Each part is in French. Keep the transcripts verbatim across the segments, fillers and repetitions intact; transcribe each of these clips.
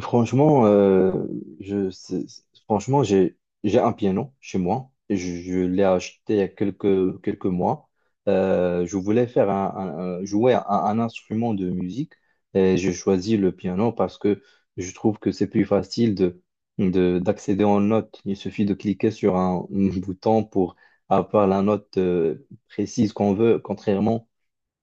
Franchement, euh, je, c'est- c'est- franchement, j'ai, j'ai un piano chez moi et je, je l'ai acheté il y a quelques, quelques mois. Euh, je voulais faire un, un- un- jouer un, un instrument de musique et j'ai choisi le piano parce que je trouve que c'est plus facile de, de, d'accéder en notes. Il suffit de cliquer sur un, bouton pour avoir la note euh, précise qu'on veut, contrairement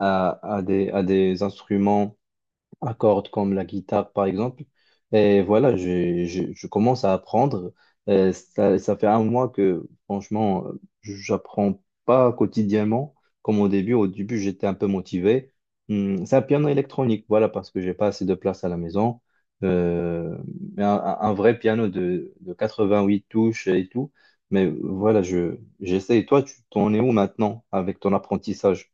à, à des, à des instruments à cordes comme la guitare par exemple. Et voilà, je, je, je commence à apprendre. Euh, ça, ça fait un mois que franchement, euh, j'apprends pas quotidiennement comme au début. Au début, j'étais un peu motivé. Hmm, c'est un piano électronique, voilà, parce que j'ai pas assez de place à la maison. Euh, mais un, un- un vrai piano de, de quatre-vingt-huit touches et tout. Mais voilà, je, j'essaie. Toi, tu t'en es où maintenant avec ton apprentissage?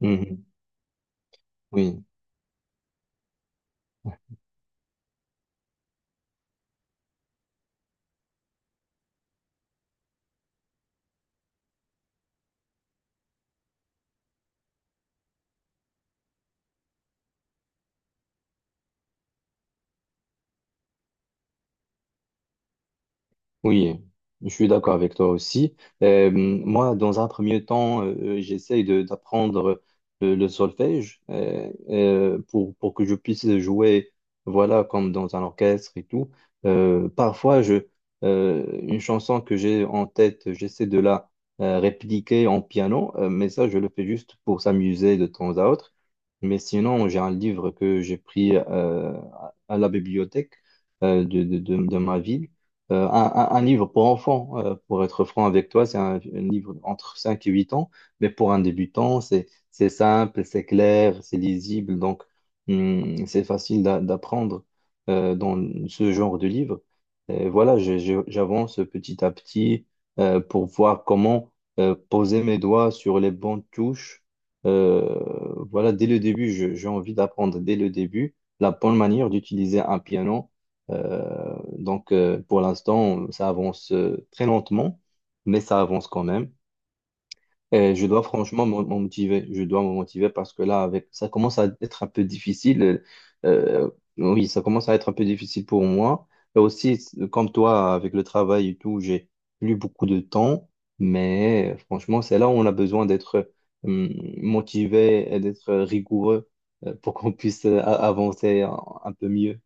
Mhm. Oui. Oui, je suis d'accord avec toi aussi. Euh, moi, dans un premier temps, euh, euh, j'essaye de- d'apprendre le, le solfège euh, euh, pour, pour que je puisse jouer, voilà, comme dans un orchestre et tout. Euh, parfois, je, euh, une chanson que j'ai en tête, j'essaie de la euh, répliquer en piano, euh, mais ça, je le fais juste pour s'amuser de temps à autre. Mais sinon, j'ai un livre que j'ai pris euh, à à la bibliothèque euh, de, de de- de ma ville. Euh, un, un- un livre pour enfants, euh, pour être franc avec toi, c'est un, un livre entre cinq et huit ans, mais pour un débutant, c'est c'est simple, c'est clair, c'est lisible, donc hum, c'est facile d'a- d'apprendre euh, dans ce genre de livre. Et voilà, je- je- j'avance petit à petit euh, pour voir comment euh, poser mes doigts sur les bonnes touches. Euh, voilà, dès le début, je- j'ai envie d'apprendre dès le début la bonne manière d'utiliser un piano. Euh, donc, euh, pour l'instant, ça avance euh, très lentement, mais ça avance quand même. Et je dois franchement me me motiver. Je dois me motiver parce que là, avec ça commence à être un peu difficile. Euh, euh, oui, ça commence à être un peu difficile pour moi. Et aussi, c- comme toi, avec le travail et tout, j'ai plus beaucoup de temps. Mais euh, franchement, c'est là où on a besoin d'être euh, motivé et d'être rigoureux euh, pour qu'on puisse euh, a- avancer un un peu mieux.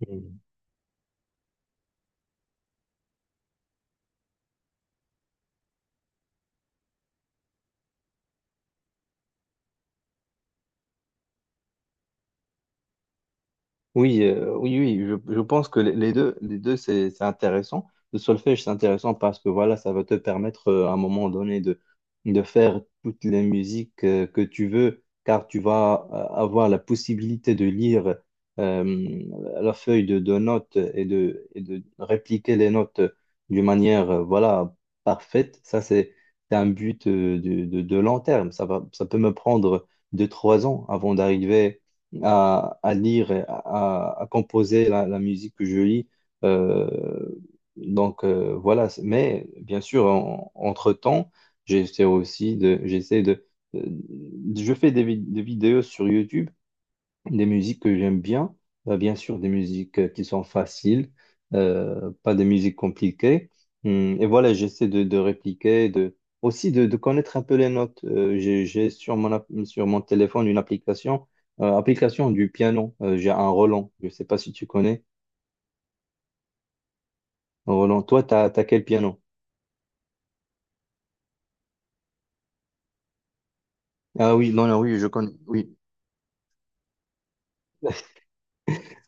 Mhm. Oui, euh, oui, oui, je, je pense que les les deux, les deux, c'est, c'est intéressant. Le solfège, c'est intéressant parce que voilà, ça va te permettre euh, à un moment donné de, de faire toutes les musiques euh, que tu veux, car tu vas euh, avoir la possibilité de lire euh, la feuille de, de notes et de, et de répliquer les notes d'une manière euh, voilà, parfaite. Ça, c'est c'est un but euh, de, de, de long terme. Ça va, ça peut me prendre deux, trois ans avant d'arriver à, à lire, et à, à composer la, la musique que je lis. Euh, donc euh, voilà, C'est- mais bien sûr, en- entre-temps, j'essaie aussi de, j'essaie de, euh, je fais des, vid- des vidéos sur YouTube des musiques que j'aime bien, euh, bien sûr des musiques euh, qui sont faciles, euh, pas des musiques compliquées. Hum, Et voilà, j'essaie de, de répliquer, de, aussi de, de connaître un peu les notes. Euh, j'ai, j'ai sur mon, app- sur mon téléphone une application, euh, application du piano. Euh, j'ai un Roland, je ne sais pas si tu connais. Roland, toi, tu as, quel piano? Ah oui, non, non, oui, je connais. Oui.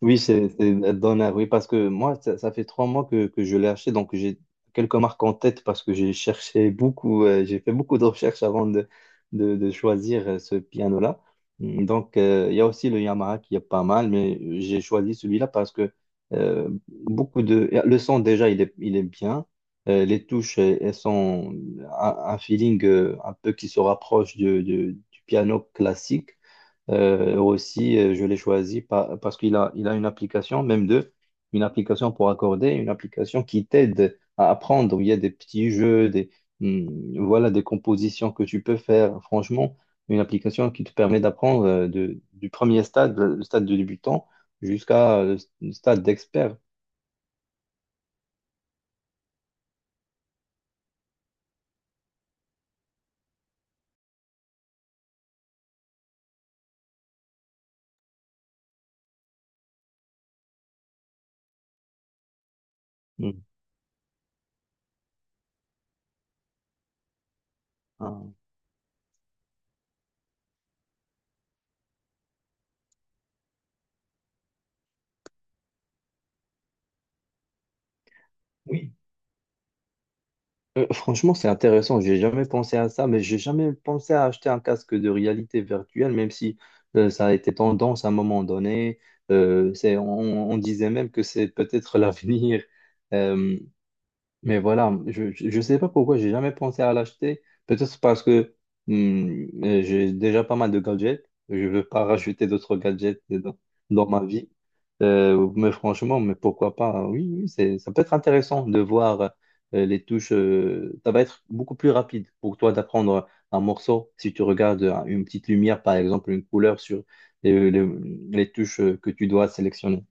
Oui, c'est c'est Donner, oui, parce que moi, ça, ça fait trois mois que, que je l'ai acheté, donc j'ai quelques marques en tête parce que j'ai cherché beaucoup, euh, j'ai fait beaucoup de recherches avant de, de, de choisir euh, ce piano-là. Donc, euh, il y a aussi le Yamaha qui est pas mal, mais j'ai choisi celui-là parce que euh, beaucoup de... Le son, déjà, il est, il est bien. Euh, les touches, euh, elles sont un, un feeling euh, un peu qui se rapproche du, du- du piano classique. Euh, aussi, euh, je l'ai choisi pa- parce qu'il a, il a une application, même deux, une application pour accorder, une application qui t'aide à apprendre. Il y a des petits jeux, des, hum, voilà, des compositions que tu peux faire. Franchement, une application qui te permet d'apprendre euh, de, du premier stade, le stade de débutant, jusqu'à euh, le stade d'expert. Hum. Ah, oui. Euh, franchement, c'est intéressant. J'ai jamais pensé à ça, mais j'ai jamais pensé à acheter un casque de réalité virtuelle, même si euh, ça a été tendance à un moment donné. Euh, c'est, on, on, disait même que c'est peut-être l'avenir. Euh, mais voilà, je je sais pas pourquoi j'ai jamais pensé à l'acheter. Peut-être parce que hum, euh, j'ai déjà pas mal de gadgets. Je veux pas rajouter d'autres gadgets dans, dans ma vie. Euh, mais franchement, mais pourquoi pas? Oui, oui, c'est, ça peut être intéressant de voir euh, les touches. Euh, ça va être beaucoup plus rapide pour toi d'apprendre un morceau si tu regardes euh, une petite lumière, par exemple, une couleur sur les, les- les touches euh, que tu dois sélectionner.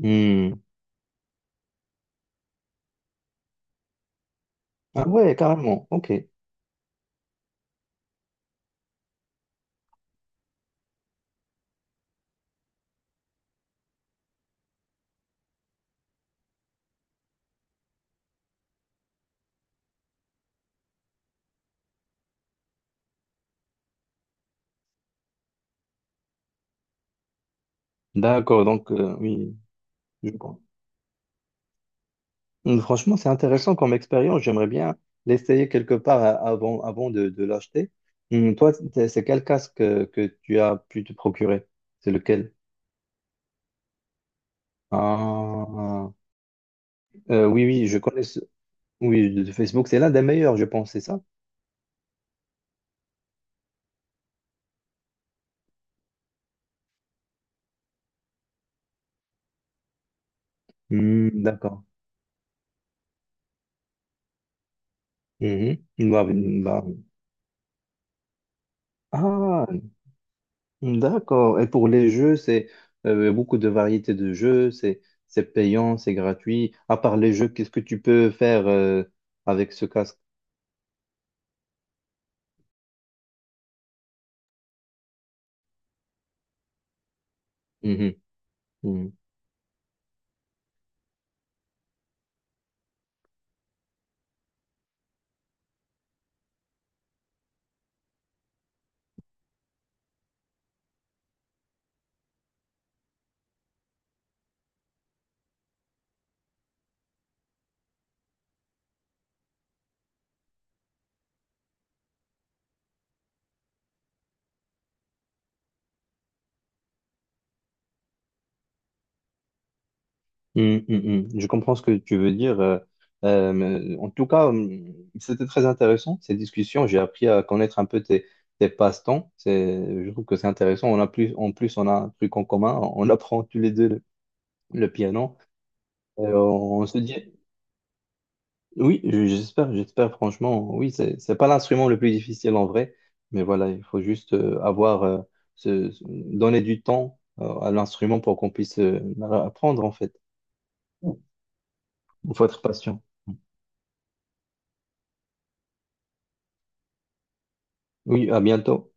Hmm. Ah ouais, carrément. Ok. D'accord. Donc, euh, oui. Je comprends. Hum, Franchement, c'est intéressant comme expérience. J'aimerais bien l'essayer quelque part a- avant avant de, de l'acheter. Hum, Toi, c'est c'est quel casque que, que tu as pu te procurer? C'est lequel? Ah, euh, oui, oui, je connais ce... Oui, de de Facebook, c'est l'un des meilleurs, je pense, c'est ça? Hum, d'accord. Mhm. Bah, bah, Ah, d'accord. Et pour les jeux, c'est euh, beaucoup de variétés de jeux, c'est c'est payant, c'est gratuit. À part les jeux, qu'est-ce que tu peux faire euh, avec ce casque? Hum, hum. Mm. Mm, mm, mm. Je comprends ce que tu veux dire. Euh, euh, mais euh, en tout cas, mm, c'était très intéressant cette discussion. J'ai appris à connaître un peu tes, tes passe-temps. C'est, je trouve que c'est intéressant. On a plus, en plus, on a un truc en commun. On apprend tous les deux le, le piano. Et on, on se dit, oui, je- j'espère, j'espère franchement. Oui, c'est, c'est pas l'instrument le plus difficile en vrai, mais voilà, il faut juste euh, avoir, euh, se, se- donner du temps euh, à l'instrument pour qu'on puisse euh, apprendre en fait. Il faut être patient. Oui, à bientôt.